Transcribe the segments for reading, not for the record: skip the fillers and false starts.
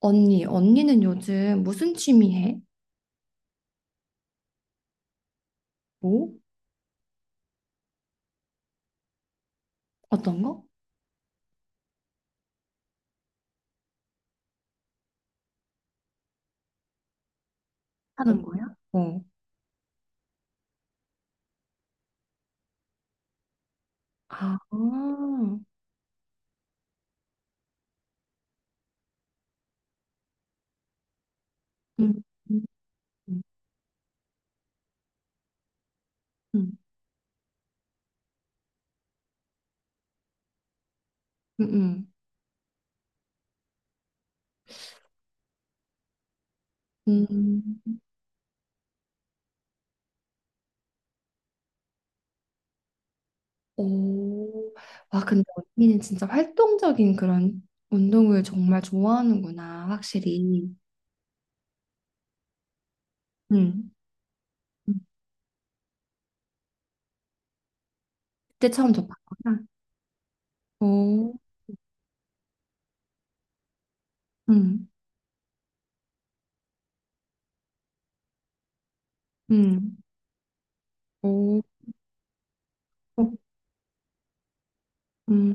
언니, 언니는 요즘 무슨 취미 해? 뭐? 어떤 거? 하는 거야? 어. 아, 음, 음, 음. 음, 음, 음. 오, 와, 근데 언니는 진짜 활동적인 그런 운동을 정말 좋아하는구나, 확실히. 음, 음. 그때 처음 접했구나. 오, 음, 음, 오, 음.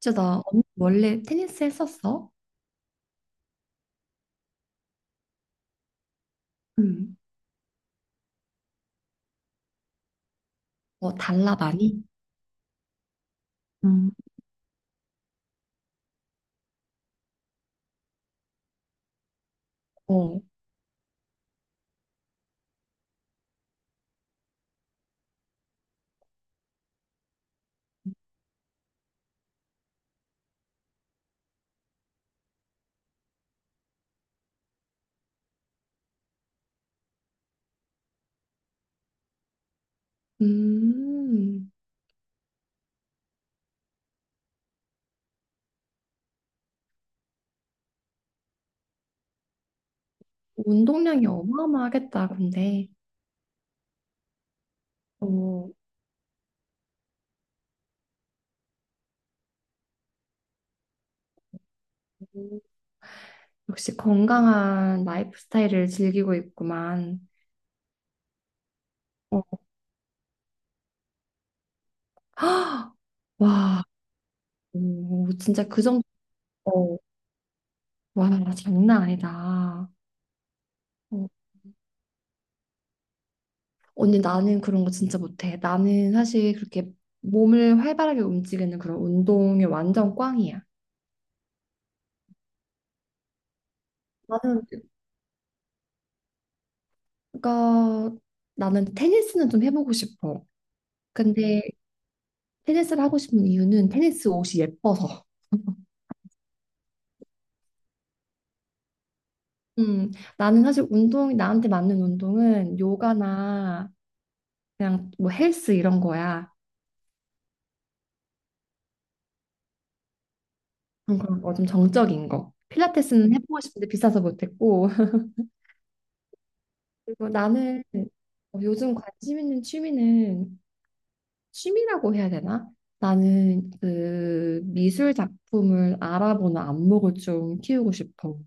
진짜 나 언니 원래 테니스 했었어? 음, 뭐 달라 많이? 어. 음, 운동량이 어마어마하겠다, 근데. 어, 역시 건강한 라이프 스타일을 즐기고 있구만. 어. 헉! 와, 오, 진짜 그 정도, 어, 와, 장난 아니다. 어. 언니, 나는 그런 거 진짜 못해. 나는 사실 그렇게 몸을 활발하게 움직이는 그런 운동이 완전 꽝이야. 나는, 그러니까 나는 테니스는 좀 해보고 싶어. 근데 테니스를 하고 싶은 이유는 테니스 옷이 예뻐서. 음, 나는 사실 운동, 나한테 맞는 운동은 요가나 그냥 뭐 헬스 이런 거야. 그런 거 좀 정적인 거. 필라테스는 해보고 싶은데 비싸서 못했고. 그리고 나는 어, 요즘 관심 있는 취미는 취미라고 해야 되나? 나는 그 미술 작품을 알아보는 안목을 좀 키우고 싶어.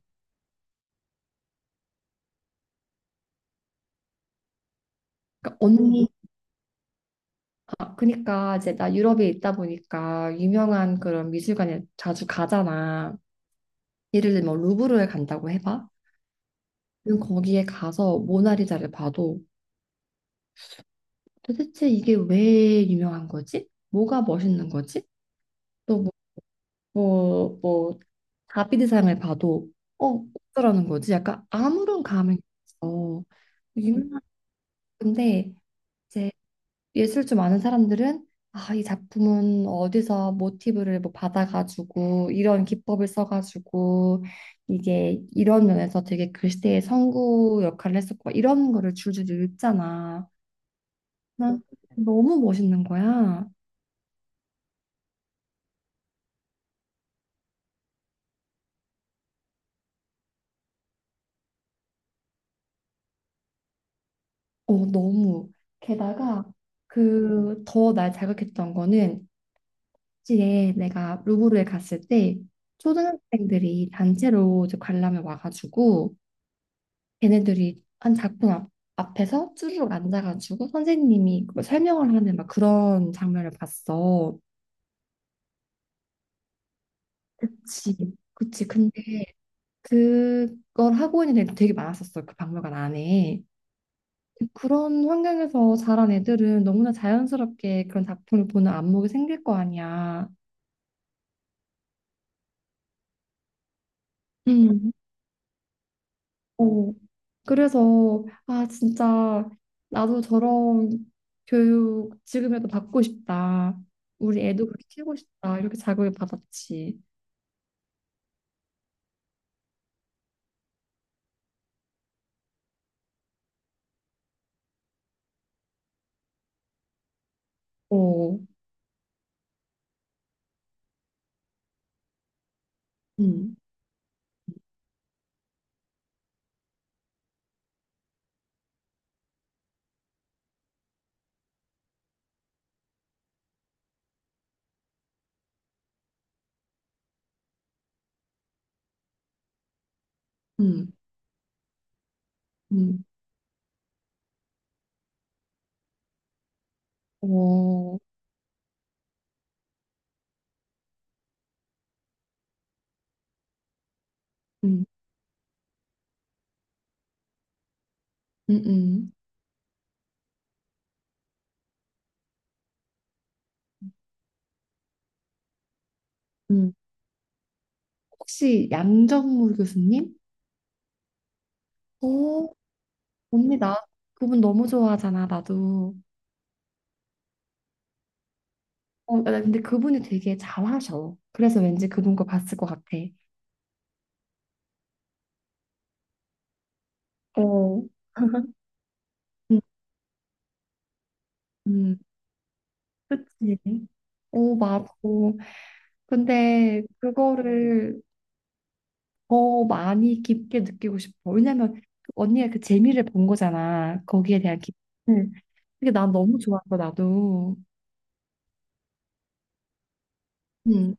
그러니까 언니 아, 그니까 이제 나 유럽에 있다 보니까 유명한 그런 미술관에 자주 가잖아. 예를 들면 뭐 루브르에 간다고 해봐. 그럼 거기에 가서 모나리자를 봐도 도대체 이게 왜 유명한 거지? 뭐가 멋있는 거지? 또 뭐, 뭐 다비드상을 봐도 어, 어쩌라는 거지? 약간 아무런 감흥이 없어. 유명한데 예술 좀 아는 사람들은 아, 이 작품은 어디서 모티브를 뭐 받아가지고 이런 기법을 써가지고 이게 이런 면에서 되게 그 시대의 선구 역할을 했었고 이런 거를 줄줄이 읽잖아. 난 너무 멋있는 거야. 어, 너무. 게다가 그 더 날 자극했던 거는 이제 내가 루브르에 갔을 때 초등학생들이 단체로 이제 관람을 와가지고 걔네들이 한 작품 앞, 앞에서 쭈르륵 앉아가지고 선생님이 그걸 설명을 하는 막 그런 장면을 봤어. 그치. 그치. 근데 그걸 하고 있는 애들 되게 많았었어. 그 박물관 안에. 그런 환경에서 자란 애들은 너무나 자연스럽게 그런 작품을 보는 안목이 생길 거 아니야. 음. 어, 그래서 아 진짜 나도 저런 교육 지금이라도 받고 싶다. 우리 애도 그렇게 키우고 싶다. 이렇게 자극을 받았지. 어, 음, 음, 음, 어, 음, 음, 음. 음. 혹시 양정무 교수님? 어, 언니 나 그분 너무 좋아하잖아. 나도. 어, 나 근데 그분이 되게 잘하셔. 그래서 왠지 그분 거 봤을 것 같아. 어, 음, 음. 그치. 오 맞아. 근데 그거를 더 많이 깊게 느끼고 싶어. 왜냐면 그 언니가 그 재미를 본 거잖아. 거기에 대한 깊이 그게 난 너무 좋아서 나도. 응,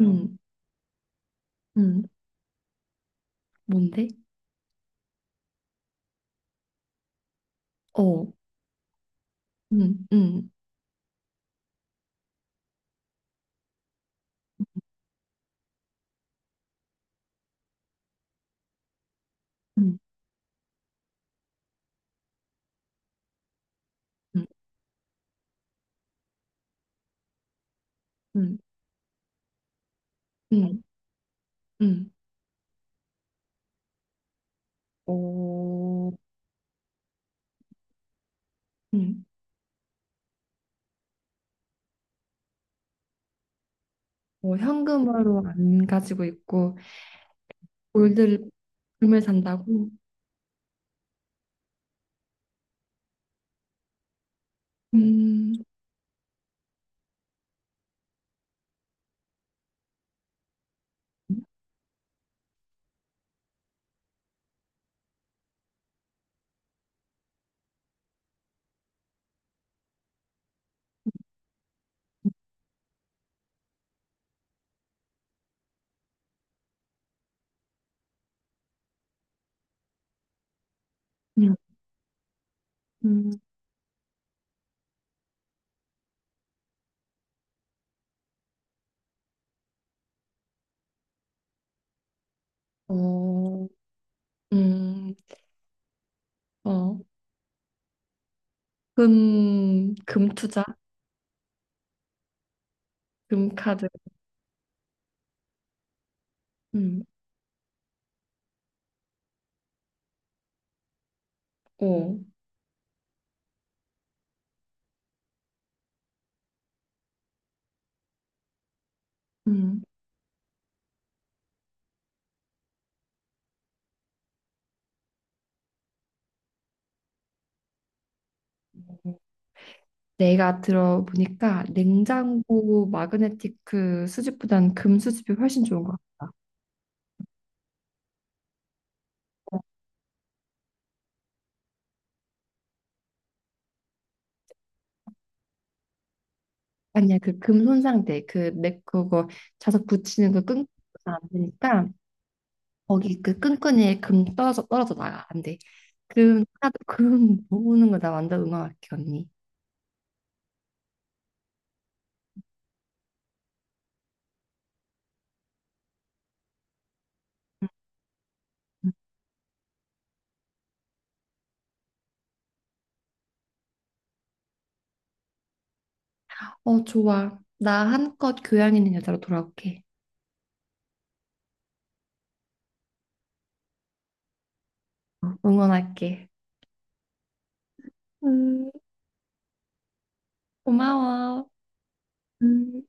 응, 응. 뭔데? 어, 응, 응, 응, 응, 응, 응, 응. 어, 응. 뭐 현금으로 안 가지고 있고 골드를 금을 산다고. 음, 음, 음. 어, 음, 어. 금, 금 투자? 금카드. 음. 오. 음. 내가 들어보니까 냉장고 마그네틱 수집보단 금 수집이 훨씬 좋은 것 같다. 아니야, 그 금 손상대, 그 내 그거 자석 붙이는 그 끈끈이 안 되니까 거기 그 끈끈이에 금 떨어져 나가 안 돼. 금 카드 금 모으는 거 나 완전 응원할게 언니. 어 좋아. 나 한껏 교양 있는 여자로 돌아올게. 어, 응원할게. 음, 고마워. 음.